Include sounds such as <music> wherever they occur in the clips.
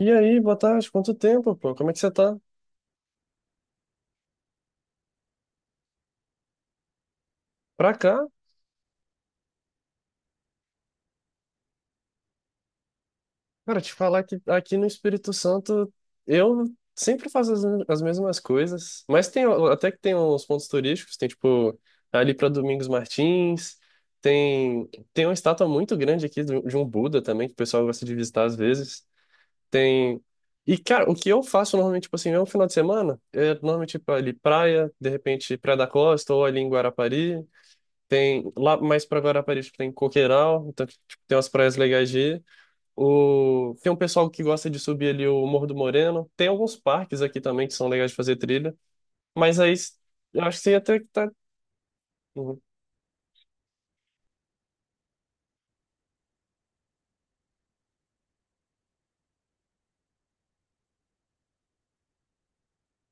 E aí, boa tarde, quanto tempo, pô? Como é que você tá? Pra cá? Cara, te falar que aqui no Espírito Santo eu sempre faço as mesmas coisas, mas tem até que tem uns pontos turísticos, tem tipo ali pra Domingos Martins, tem uma estátua muito grande aqui de um Buda também, que o pessoal gosta de visitar às vezes. Tem. E cara, o que eu faço normalmente, tipo assim, é um final de semana, é normalmente tipo, ali praia, de repente Praia da Costa ou ali em Guarapari. Tem lá mais pra Guarapari, tipo, tem Coqueiral, então, tipo, tem umas praias legais de ir. Tem um pessoal que gosta de subir ali o Morro do Moreno. Tem alguns parques aqui também que são legais de fazer trilha. Mas aí eu acho que você ia ter que tá. Uhum.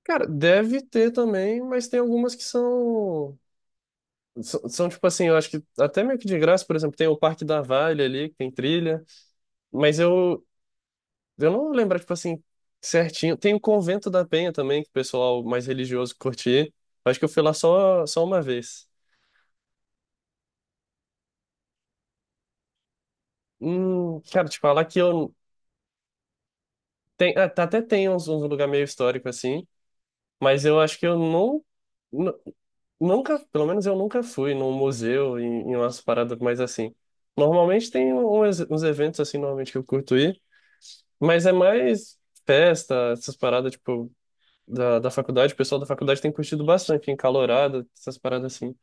Cara, deve ter também, mas tem algumas que são. São, tipo assim, eu acho que até meio que de graça, por exemplo, tem o Parque da Vale ali, que tem trilha, mas eu não vou lembrar, tipo assim, certinho. Tem o Convento da Penha também, que o pessoal mais religioso curtia. Acho que eu fui lá só uma vez. Cara, te falar que eu. Tem, ah, até tem uns lugar meio histórico assim, mas eu acho que eu não. nu- Nunca, pelo menos eu nunca fui num museu, em, em umas paradas mais assim. Normalmente tem uns eventos assim, normalmente que eu curto ir, mas é mais festa, essas paradas, tipo. Da faculdade, o pessoal da faculdade tem curtido bastante, encalorada, essas paradas assim.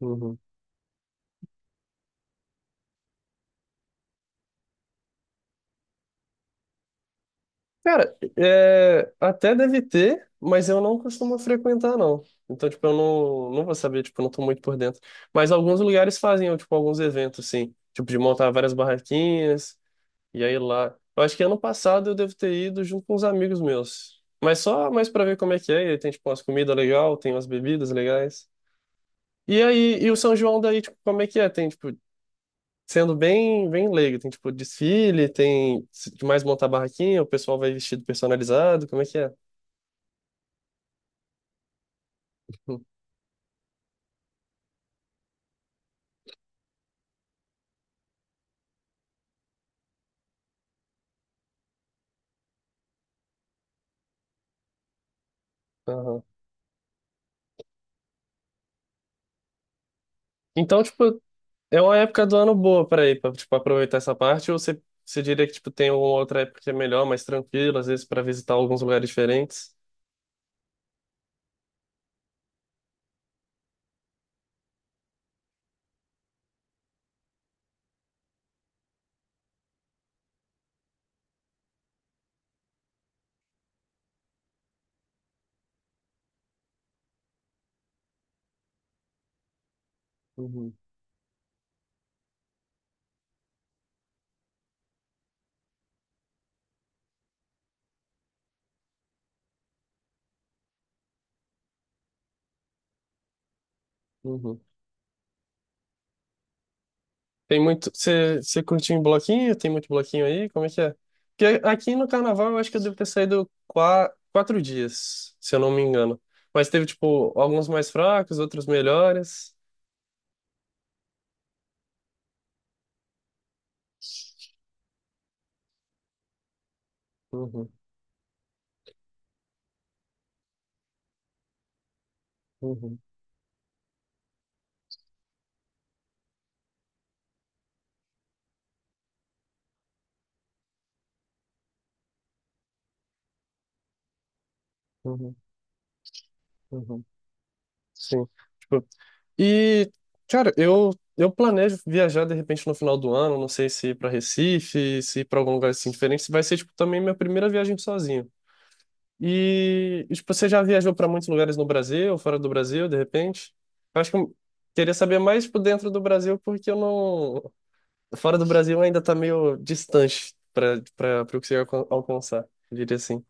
Uhum. Cara, é, até deve ter, mas eu não costumo frequentar, não. Então, tipo, eu não, não vou saber, tipo, eu não tô muito por dentro. Mas alguns lugares fazem, tipo, alguns eventos, assim, tipo, de montar várias barraquinhas, e aí lá. Eu acho que ano passado eu devo ter ido junto com uns amigos meus. Mas só mais pra ver como é que é. E aí tem, tipo, umas comidas legais, tem umas bebidas legais. E aí, e o São João daí, tipo, como é que é? Tem, tipo, sendo bem, bem leigo. Tem tipo desfile, tem se- de mais montar barraquinha, o pessoal vai vestido personalizado, como é que é? Hum, aham. Então, tipo, é uma época do ano boa para ir, para tipo aproveitar essa parte, ou você diria que tipo tem uma outra época que é melhor, mais tranquila, às vezes para visitar alguns lugares diferentes? Uhum, uhum. Tem muito. Você curtiu em bloquinho? Tem muito bloquinho aí? Como é que é? Porque aqui no carnaval eu acho que eu devo ter saído quatro dias, se eu não me engano. Mas teve, tipo, alguns mais fracos, outros melhores. Uhum, uhum, uhum, uhum. Sim. Tipo, e, cara, eu planejo viajar de repente no final do ano. Não sei se ir pra Recife, se ir pra algum lugar assim diferente. Vai ser, tipo, também minha primeira viagem sozinho. E tipo, você já viajou para muitos lugares no Brasil, fora do Brasil, de repente? Eu acho que eu queria saber mais tipo, dentro do Brasil, porque eu não. Fora do Brasil ainda tá meio distante para o que você ia alcançar, eu diria assim.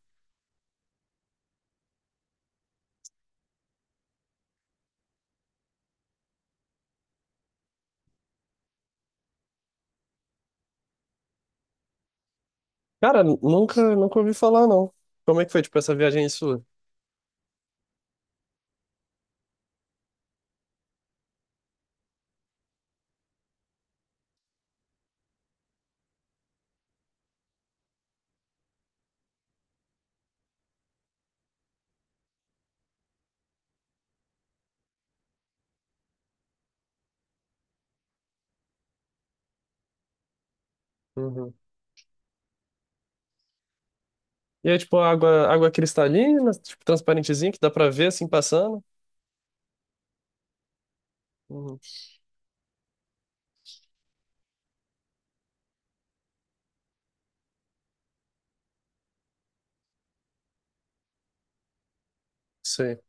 Cara, nunca ouvi falar, não. Como é que foi, tipo, essa viagem aí sua? Uhum. E é tipo água cristalina, tipo, transparentezinha, que dá pra ver assim passando? Uhum. Sei.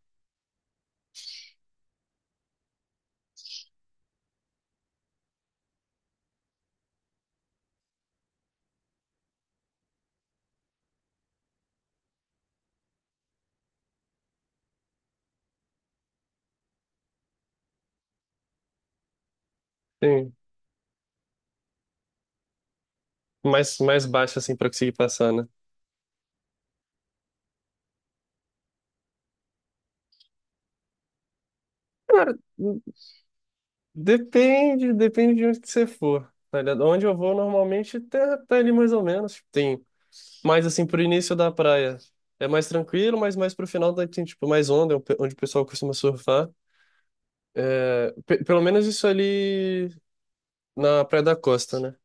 Tem mais baixo assim pra conseguir passar, né? Cara, depende, depende de onde que você for. Tá ligado? Onde eu vou normalmente tá, tá ali mais ou menos. Tem mais assim pro início da praia. É mais tranquilo, mas mais pro final daí tem tipo mais onda, onde o pessoal costuma surfar. Pelo menos isso ali na Praia da Costa, né?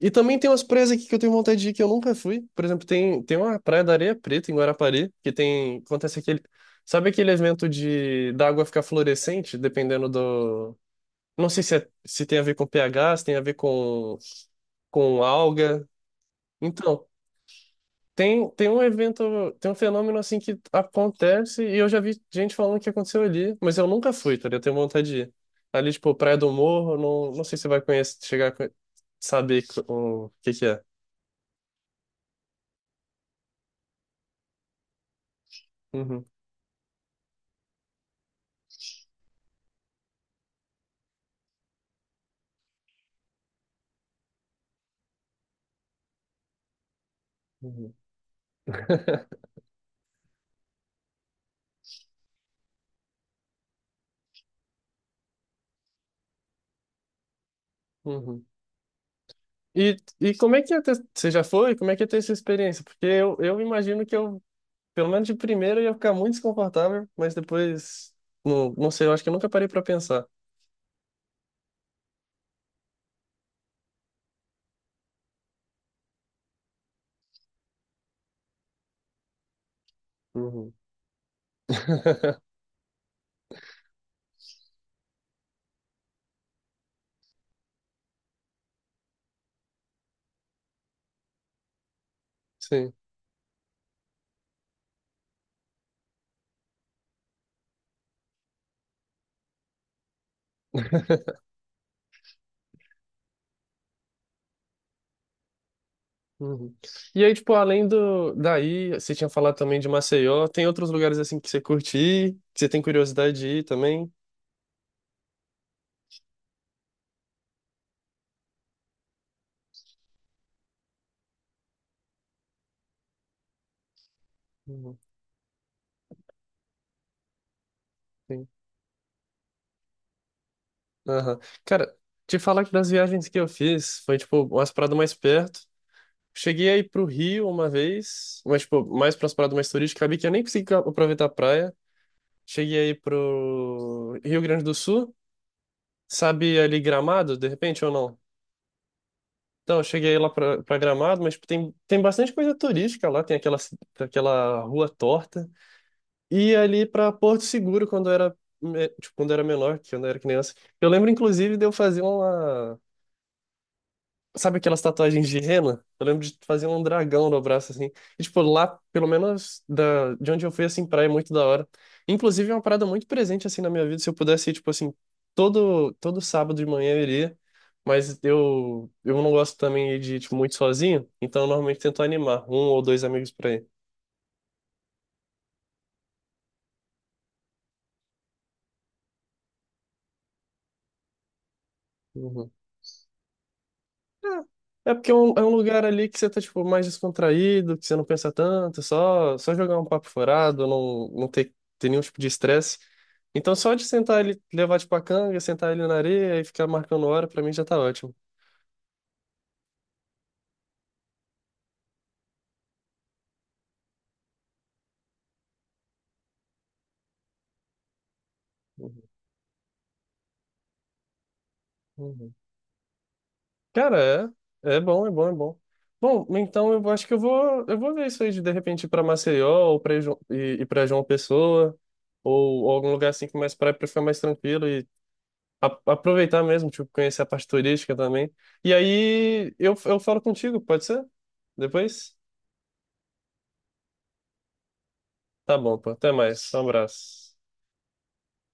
E também tem umas praias aqui que eu tenho vontade de ir que eu nunca fui. Por exemplo, tem uma praia da Areia Preta em Guarapari, que tem, acontece aquele, sabe aquele evento de da água ficar fluorescente, dependendo do, não sei se, se tem a ver com pH, se tem a ver com alga. Então, tem um evento, tem um fenômeno assim que acontece e eu já vi gente falando que aconteceu ali, mas eu nunca fui, tá ligado? Eu tenho vontade de ir. Ali, tipo, Praia do Morro, não sei se você vai conhecer, chegar a saber co- o que que é. Uhum, uhum, uhum. E, e como é que ia ter, você já foi? Como é que ia ter essa experiência? Porque eu imagino que eu, pelo menos de primeira, eu ia ficar muito desconfortável, mas depois, não sei, eu acho que eu nunca parei pra pensar. Uhum. <laughs> Sim. Uhum. E aí, tipo, além do daí, você tinha falado também de Maceió, tem outros lugares assim que você curte ir, que você tem curiosidade de ir também? Uhum, sim. Aham. Cara, te falar que das viagens que eu fiz, foi tipo umas paradas mais perto. Cheguei aí pro Rio uma vez, mas tipo, mais para umas paradas mais turísticas, acabei que eu nem consegui aproveitar a praia. Cheguei aí pro Rio Grande do Sul, sabe ali Gramado, de repente ou não? Então, eu cheguei lá pra Gramado, mas tipo, tem bastante coisa turística lá, tem aquela rua torta. E ali pra Porto Seguro, quando eu era, tipo, quando eu era menor, que quando eu era criança. Eu lembro, inclusive, de eu fazer uma. Sabe aquelas tatuagens de rena? Eu lembro de fazer um dragão no braço, assim. E, tipo, lá, pelo menos de onde eu fui, assim, praia é muito da hora. Inclusive, é uma parada muito presente, assim, na minha vida. Se eu pudesse ir, tipo, assim, todo sábado de manhã eu iria. Mas eu não gosto também de ir, tipo, muito sozinho. Então, eu normalmente tento animar um ou dois amigos pra ir. Uhum. É É porque é é um lugar ali que você tá, tipo, mais descontraído, que você não pensa tanto, só jogar um papo furado, não ter, ter nenhum tipo de estresse. Então, só de sentar ele, levar, tipo, a canga, sentar ele na areia e ficar marcando hora, pra mim já tá ótimo. Uhum, uhum. Cara, é, é bom, é bom, é bom. Bom, então eu acho que eu vou ver isso aí de repente, ir pra Maceió ou e pra João Pessoa, ou algum lugar assim que mais praia para ficar mais tranquilo aproveitar mesmo, tipo, conhecer a parte turística também. E aí eu falo contigo, pode ser? Depois? Tá bom, pô. Até mais. Um abraço.